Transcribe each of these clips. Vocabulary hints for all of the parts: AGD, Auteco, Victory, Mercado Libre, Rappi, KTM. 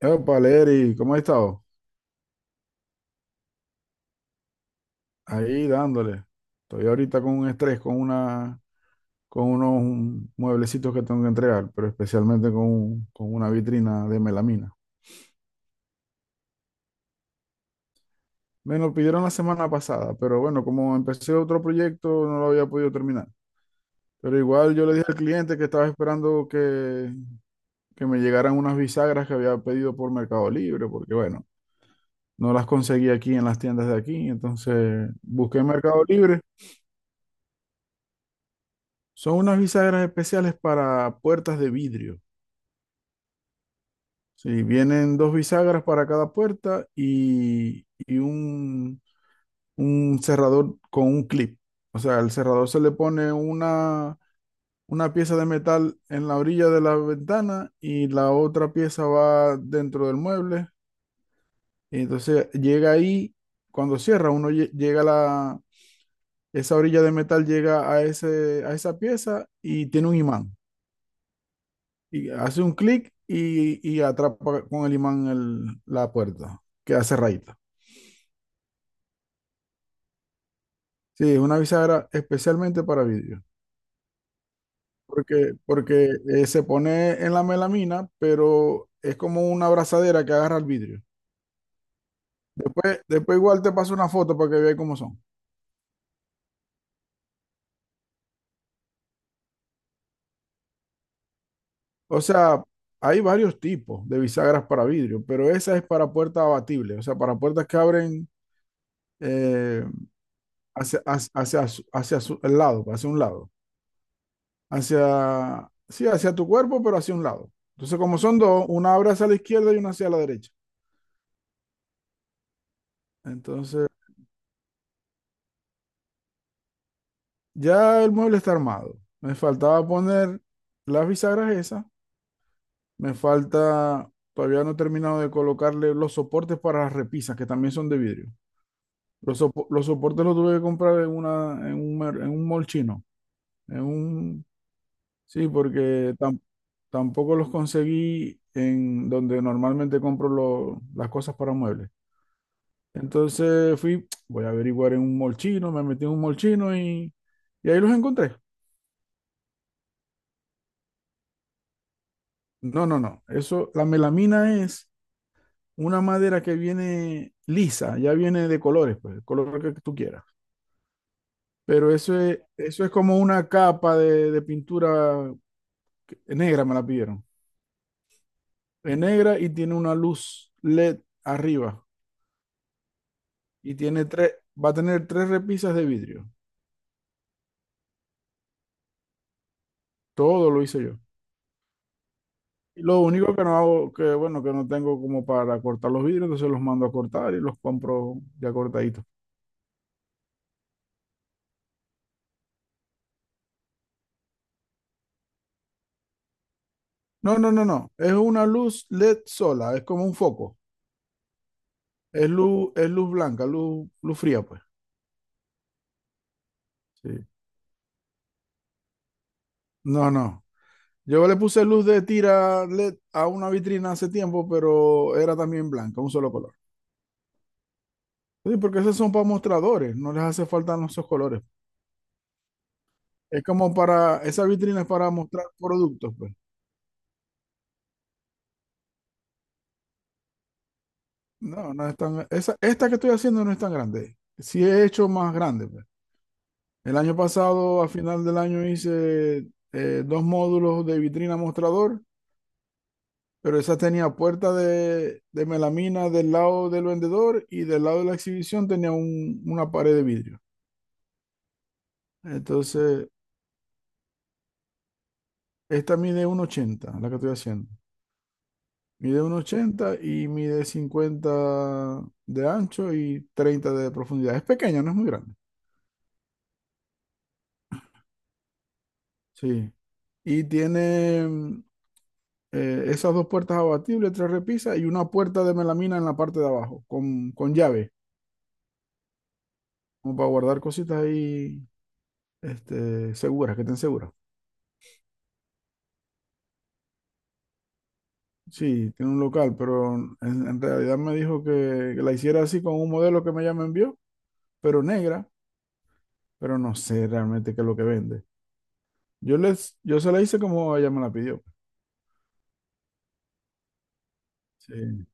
Epa, Leri, ¿cómo has estado? Ahí dándole. Estoy ahorita con un estrés, con unos mueblecitos que tengo que entregar, pero especialmente con una vitrina de melamina. Me lo pidieron la semana pasada, pero bueno, como empecé otro proyecto, no lo había podido terminar. Pero igual yo le dije al cliente que estaba esperando que me llegaran unas bisagras que había pedido por Mercado Libre, porque bueno, no las conseguí aquí en las tiendas de aquí, entonces busqué en Mercado Libre. Son unas bisagras especiales para puertas de vidrio. Sí, vienen dos bisagras para cada puerta y un cerrador con un clip. O sea, el cerrador se le pone una pieza de metal en la orilla de la ventana y la otra pieza va dentro del mueble. Y entonces llega ahí, cuando cierra, uno llega esa orilla de metal llega a esa pieza y tiene un imán. Y hace un clic y atrapa con el imán la puerta, que hace rayita. Sí, una bisagra especialmente para vidrio, porque se pone en la melamina, pero es como una abrazadera que agarra el vidrio. Después igual te paso una foto para que veas cómo son. O sea, hay varios tipos de bisagras para vidrio, pero esa es para puertas abatibles, o sea, para puertas que abren eh, el lado, hacia un lado. Sí, hacia tu cuerpo, pero hacia un lado. Entonces, como son dos, una abre hacia la izquierda y una hacia la derecha. Entonces, ya el mueble está armado. Me faltaba poner las bisagras esas. Me falta, todavía no he terminado de colocarle los soportes para las repisas, que también son de vidrio. Los soportes los tuve que comprar en un mall chino. En un, sí, porque tampoco los conseguí en donde normalmente compro las cosas para muebles. Entonces fui, voy a averiguar en un molchino, me metí en un molchino y ahí los encontré. No, no, no. Eso, la melamina es una madera que viene lisa, ya viene de colores, pues, el color que tú quieras. Pero eso es como una capa de pintura negra, me la pidieron. Es negra y tiene una luz LED arriba. Y tiene tres, Va a tener tres repisas de vidrio. Todo lo hice yo. Lo único que no hago, que bueno, que no tengo como para cortar los vidrios, entonces los mando a cortar y los compro ya cortaditos. No, no, no, no. Es una luz LED sola, es como un foco. Es luz blanca, luz fría, pues. Sí. No, no. Yo le puse luz de tira LED a una vitrina hace tiempo, pero era también blanca, un solo color. Sí, porque esos son para mostradores, no les hace falta esos colores. Esa vitrina es para mostrar productos, pues. No, no es tan. Esta que estoy haciendo no es tan grande. Sí he hecho más grande, pues. El año pasado, a final del año, hice dos módulos de vitrina mostrador, pero esa tenía puerta de melamina del lado del vendedor y del lado de la exhibición tenía una pared de vidrio. Entonces, esta mide 1,80 la que estoy haciendo. Mide uno ochenta y mide 50 de ancho y 30 de profundidad. Es pequeña, no es muy grande. Sí. Y tiene esas dos puertas abatibles, tres repisas y una puerta de melamina en la parte de abajo, con llave, como para guardar cositas ahí seguras, que estén seguras. Sí, tiene un local, pero en realidad me dijo que la hiciera así con un modelo que ella me envió, pero negra, pero no sé realmente qué es lo que vende. Yo se la hice como ella me la pidió. Sí,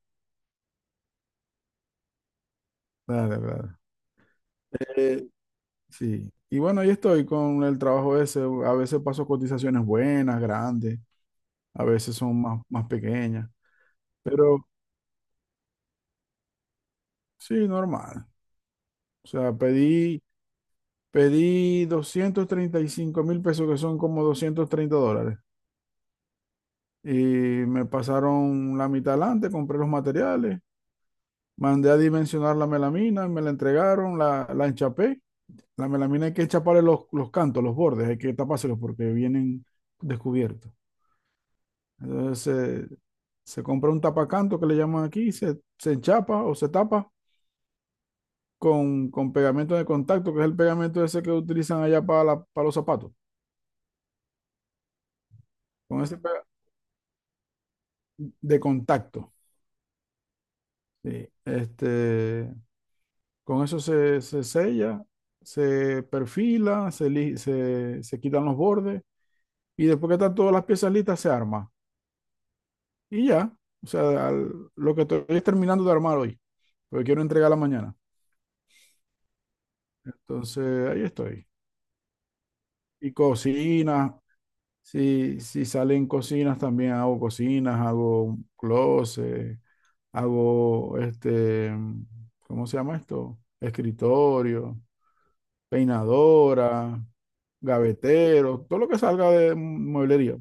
dale, dale. Eh, sí. Y bueno, ahí estoy con el trabajo ese. A veces paso cotizaciones buenas, grandes. A veces son más pequeñas, pero sí, normal. O sea, pedí 235.000 pesos, que son como $230, y me pasaron la mitad adelante, compré los materiales, mandé a dimensionar la melamina, me la entregaron, la enchapé. La melamina hay que enchaparle los cantos, los bordes, hay que tapárselos porque vienen descubiertos. Entonces, se compra un tapacanto que le llaman aquí, se enchapa o se tapa con pegamento de contacto, que es el pegamento ese que utilizan allá para, para los zapatos, con ese de contacto. Sí. Con eso se sella, se perfila, se quitan los bordes y después que están todas las piezas listas se arma. Y ya, o sea, lo que estoy es terminando de armar hoy, porque quiero entregarla mañana. Entonces, ahí estoy. Y cocina. Si salen cocinas, también hago cocinas, hago un closet, hago ¿cómo se llama esto? Escritorio, peinadora, gavetero, todo lo que salga de mueblería.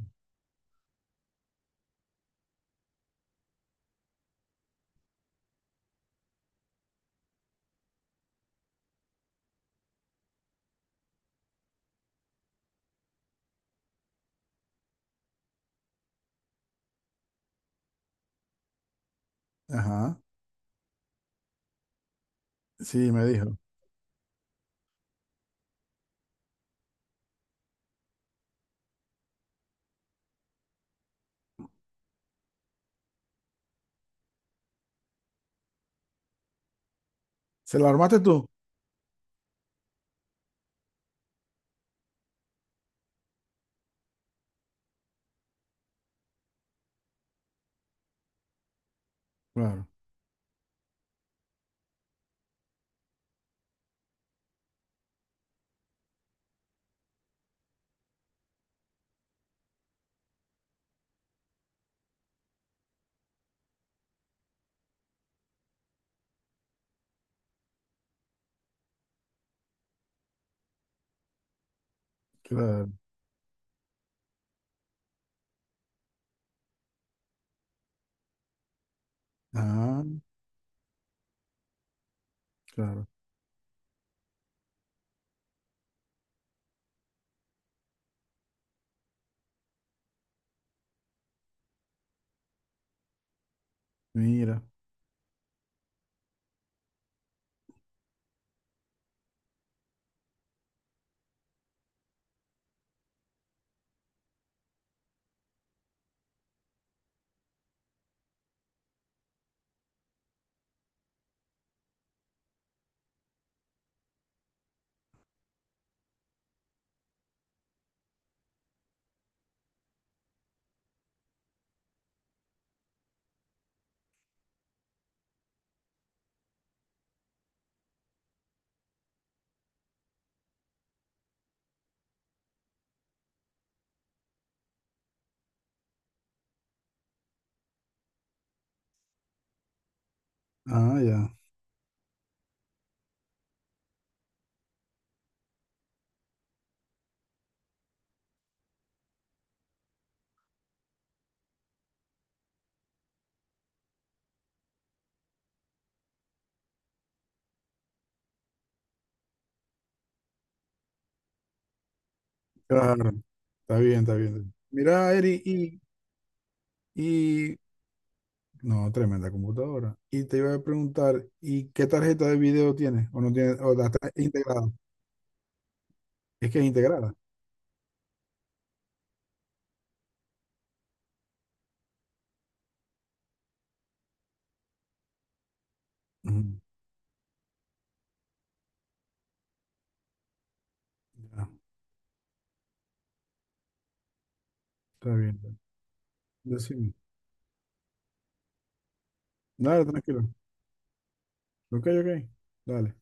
Ajá, sí, me dijo. ¿Se la armaste tú? Claro, claro. Ah, claro. Mira. Ah, ya. Claro. Está bien, está bien. Mira, Eri, y... no, tremenda computadora. Y te iba a preguntar, ¿y qué tarjeta de video tiene? ¿O no tiene? ¿O la está integrada? Es que es integrada. Ujú. Ya. Está bien. Decime. Dale, tranquilo. Ok, ok. Dale.